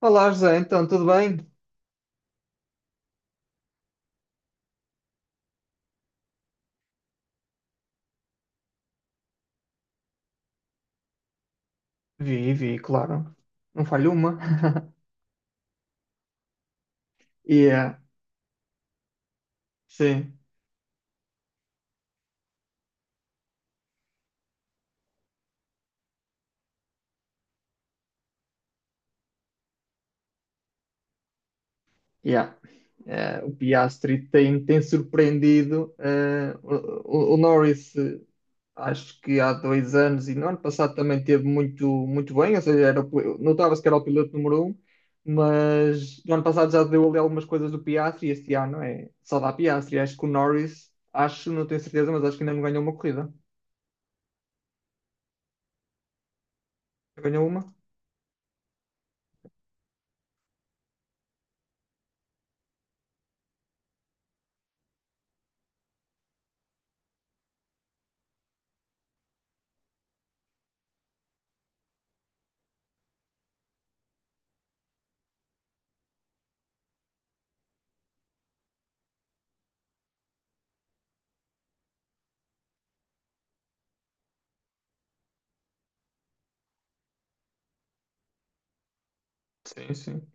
Olá, José, então, tudo bem? Vi, vi, claro. Não falho uma. Yeah, sim, yeah. O Piastri tem surpreendido. O Norris, acho que há dois anos e no ano passado também teve muito, muito bem, ou seja, era, notava-se que era o piloto número um, mas no ano passado já deu ali algumas coisas do Piastri e este ano é só dá Piastri. Acho que o Norris, acho, não tenho certeza, mas acho que ainda não ganhou uma corrida. Ganhou uma? Sim, sim.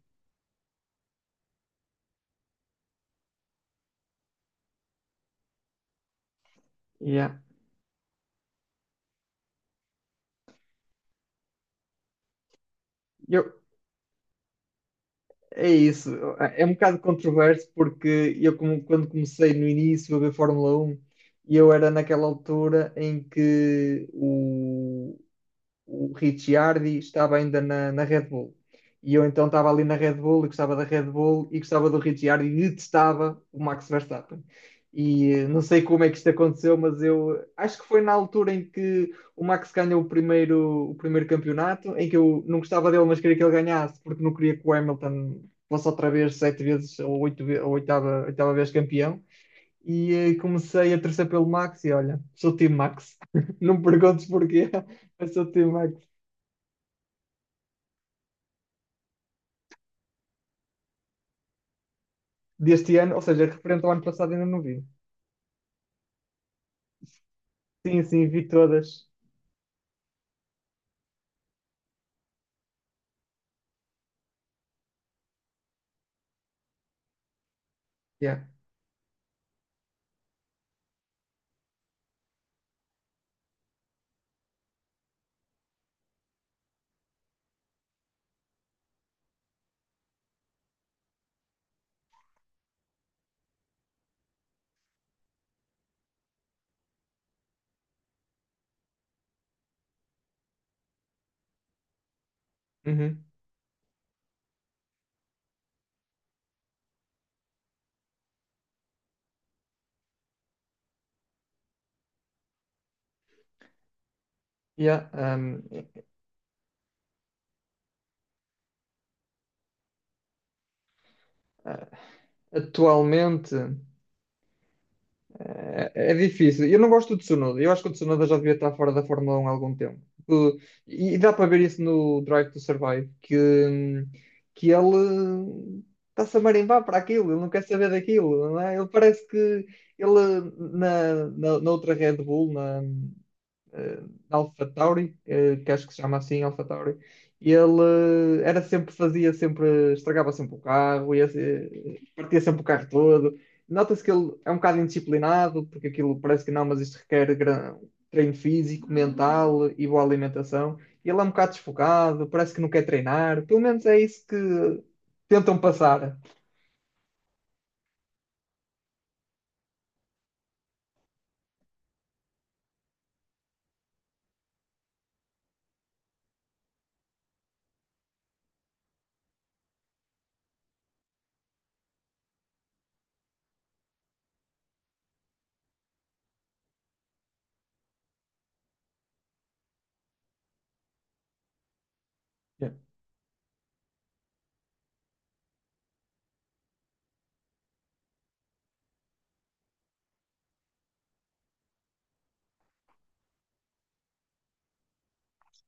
Yeah. Eu, É isso, é um bocado controverso porque quando comecei no início a ver Fórmula 1, eu era naquela altura em que o Ricciardi estava ainda na Red Bull. E eu então estava ali na Red Bull e gostava da Red Bull e gostava do Ricciardi e detestava o Max Verstappen. E não sei como é que isto aconteceu, mas eu acho que foi na altura em que o Max ganhou o primeiro campeonato, em que eu não gostava dele, mas queria que ele ganhasse, porque não queria que o Hamilton fosse outra vez sete vezes ou oito, ou oitava vez campeão. E comecei a torcer pelo Max e olha, sou o time Max. Não me perguntes porquê, mas sou o time Max. Deste ano, ou seja, referente ao ano passado ainda não vi. Sim, sim, vi todas. Yeah. Uhum. Yeah, um, a- atualmente difícil. Eu não gosto do Tsunoda. Eu acho que o Tsunoda já devia estar fora da Fórmula 1 há algum tempo. O- e dá para ver isso no Drive to Survive, hum, que ele está-se a marimbar para aquilo, ele não quer saber daquilo, não é? Ele parece que ele na outra Red Bull, eh, Alpha Tauri, que acho que se chama assim, Alpha Tauri. E ele era sempre, fazia sempre, estragava sempre o carro, ia, se- partia sempre o carro todo. Nota-se que ele é um bocado indisciplinado, porque aquilo parece que não, mas isto requer treino físico, mental e boa alimentação. E ele é um bocado desfocado, parece que não quer treinar, pelo menos é isso que tentam passar. Yeah.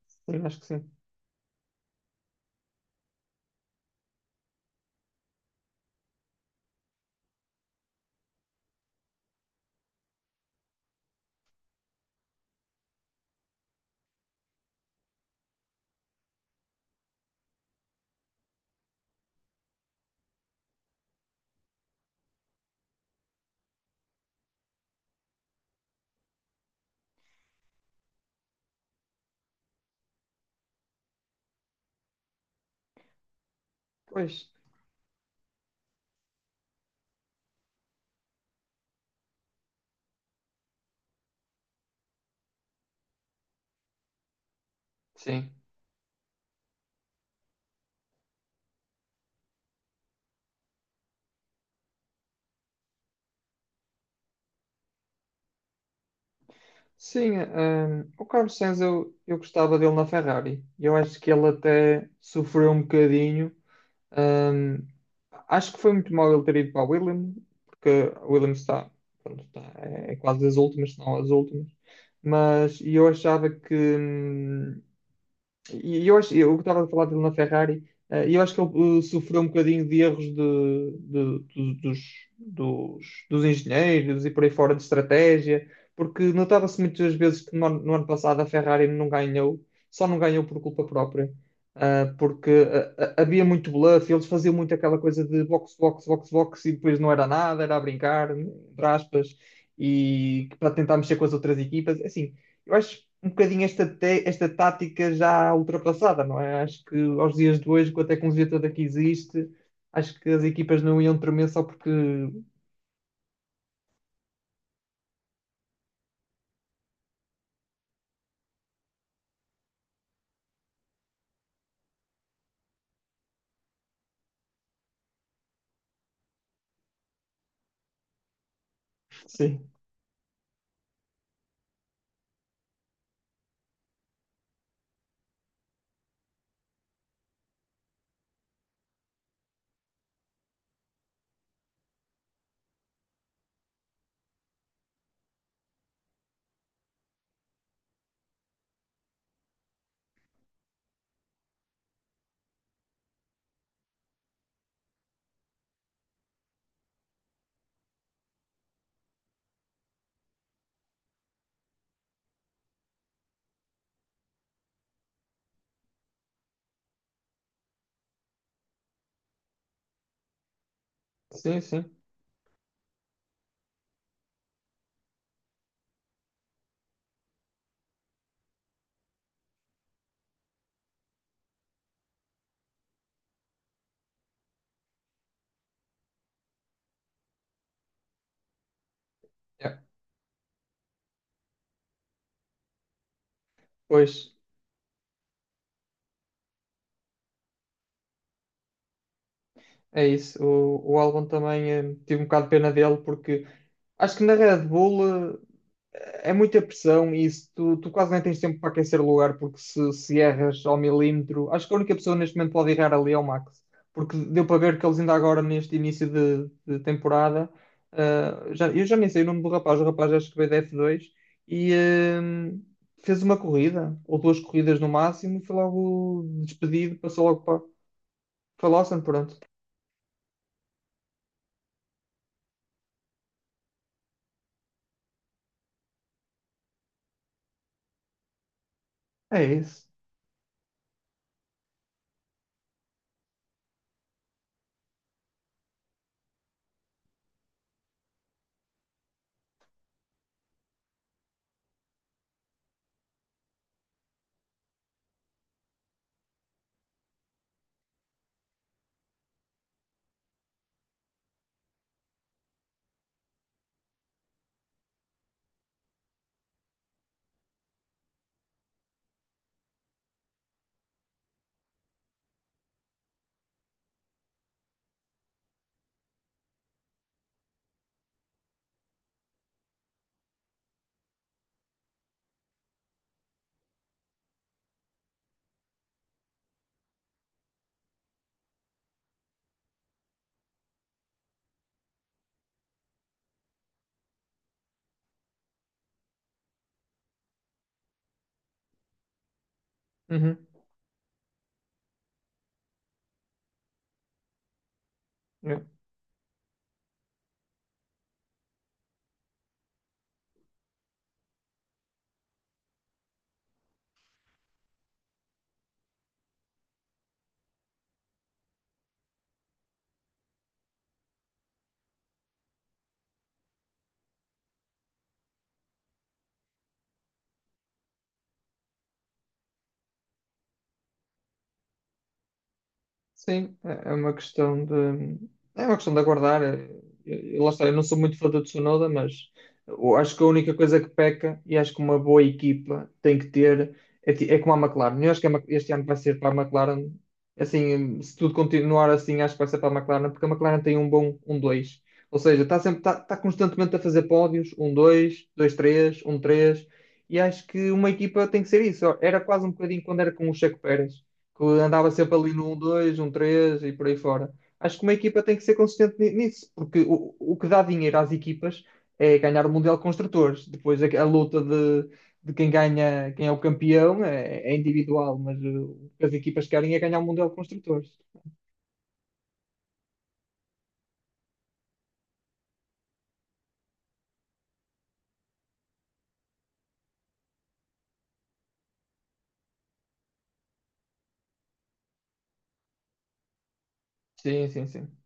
Sim, acho que sim. Pois, sim. Sim, o Carlos Sainz eu gostava dele na Ferrari. Eu acho que ele até sofreu um bocadinho. Hum, acho que foi muito mal ele ter ido para a Williams, porque a Williams está, pronto, está, é quase as últimas, se não as últimas. Mas e eu achava que, eu estava a falar dele na Ferrari, e eu acho que ele sofreu um bocadinho de erros de- do- dos, dos engenheiros e por aí fora de estratégia, porque notava-se muitas vezes que no ano passado a Ferrari não ganhou, só não ganhou por culpa própria, porque havia muito bluff, eles faziam muito aquela coisa de box, box, box, box, e depois não era nada, era a brincar, entre aspas, e para tentar mexer com as outras equipas, assim. Eu acho um bocadinho esta tática já ultrapassada, não é? Acho que aos dias de hoje, com a tecnologia toda que existe, acho que as equipas não iam tremer só porque. Sim, sim, sim. Yeah. Pois é isso. O Albon também tive um bocado de pena dele porque acho que na Red Bull é muita pressão e isso, tu quase nem tens tempo para aquecer o lugar, porque se erras ao milímetro, acho que a única pessoa neste momento pode errar ali é o Max, porque deu para ver que eles ainda agora, neste início de temporada, eu já nem sei o nome do rapaz, o rapaz acho que veio da F2 e fez uma corrida, ou duas corridas no máximo, e foi logo despedido, passou logo para, foi lá, pronto. É isso. Uhum. É. Sim, é uma questão de. É uma questão de aguardar. Lá está, eu não sou muito fã do Tsunoda, mas eu acho que a única coisa que peca, e acho que uma boa equipa tem que ter, é como a McLaren. Eu acho que este ano vai ser para a McLaren, assim, se tudo continuar assim, acho que vai ser para a McLaren, porque a McLaren tem um bom um dois. Ou seja, está sempre, está constantemente a fazer pódios, um dois, dois três, um três, e acho que uma equipa tem que ser isso. Era quase um bocadinho quando era com o Checo Pérez, que andava sempre ali no um dois, um três e por aí fora. Acho que uma equipa tem que ser consistente nisso, porque o que dá dinheiro às equipas é ganhar o Mundial de Construtores. Depois a luta de quem ganha, quem é o campeão é individual, mas o que as equipas querem é ganhar o Mundial de Construtores. Sim, sim, sim.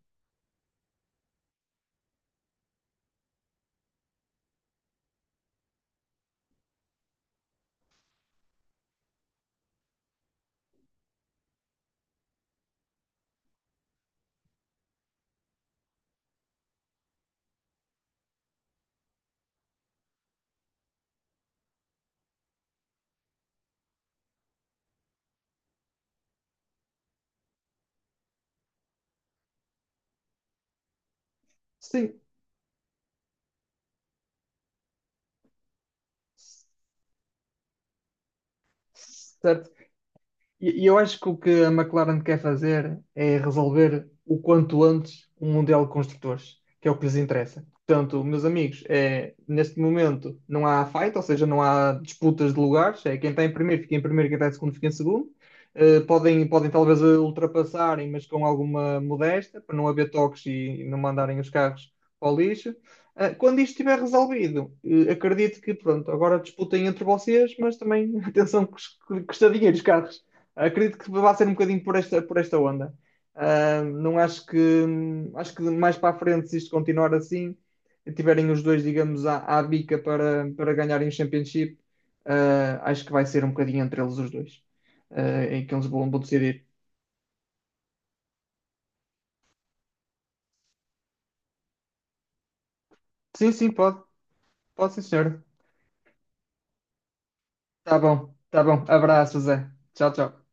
Sim, certo. E eu acho que o que a McLaren quer fazer é resolver o quanto antes o Mundial de Construtores, que é o que lhes interessa. Portanto, meus amigos, neste momento não há fight, ou seja, não há disputas de lugares. É, quem está em primeiro fica em primeiro, quem está em segundo fica em segundo. Podem talvez ultrapassarem, mas com alguma modéstia, para não haver toques e não mandarem os carros ao lixo. Ah, quando isto estiver resolvido, acredito que, pronto, agora disputem entre vocês, mas também, atenção, que custa dinheiro os carros. Acredito que vai ser um bocadinho por esta onda. Ah, não acho que, acho que mais para a frente, se isto continuar assim, e tiverem os dois, digamos, à bica para ganharem o Championship, acho que vai ser um bocadinho entre eles os dois, em que eles vão decidir. Sim, sim, pode, pode sim, senhor. Tá bom, tá bom. Abraço, Zé. Tchau, tchau.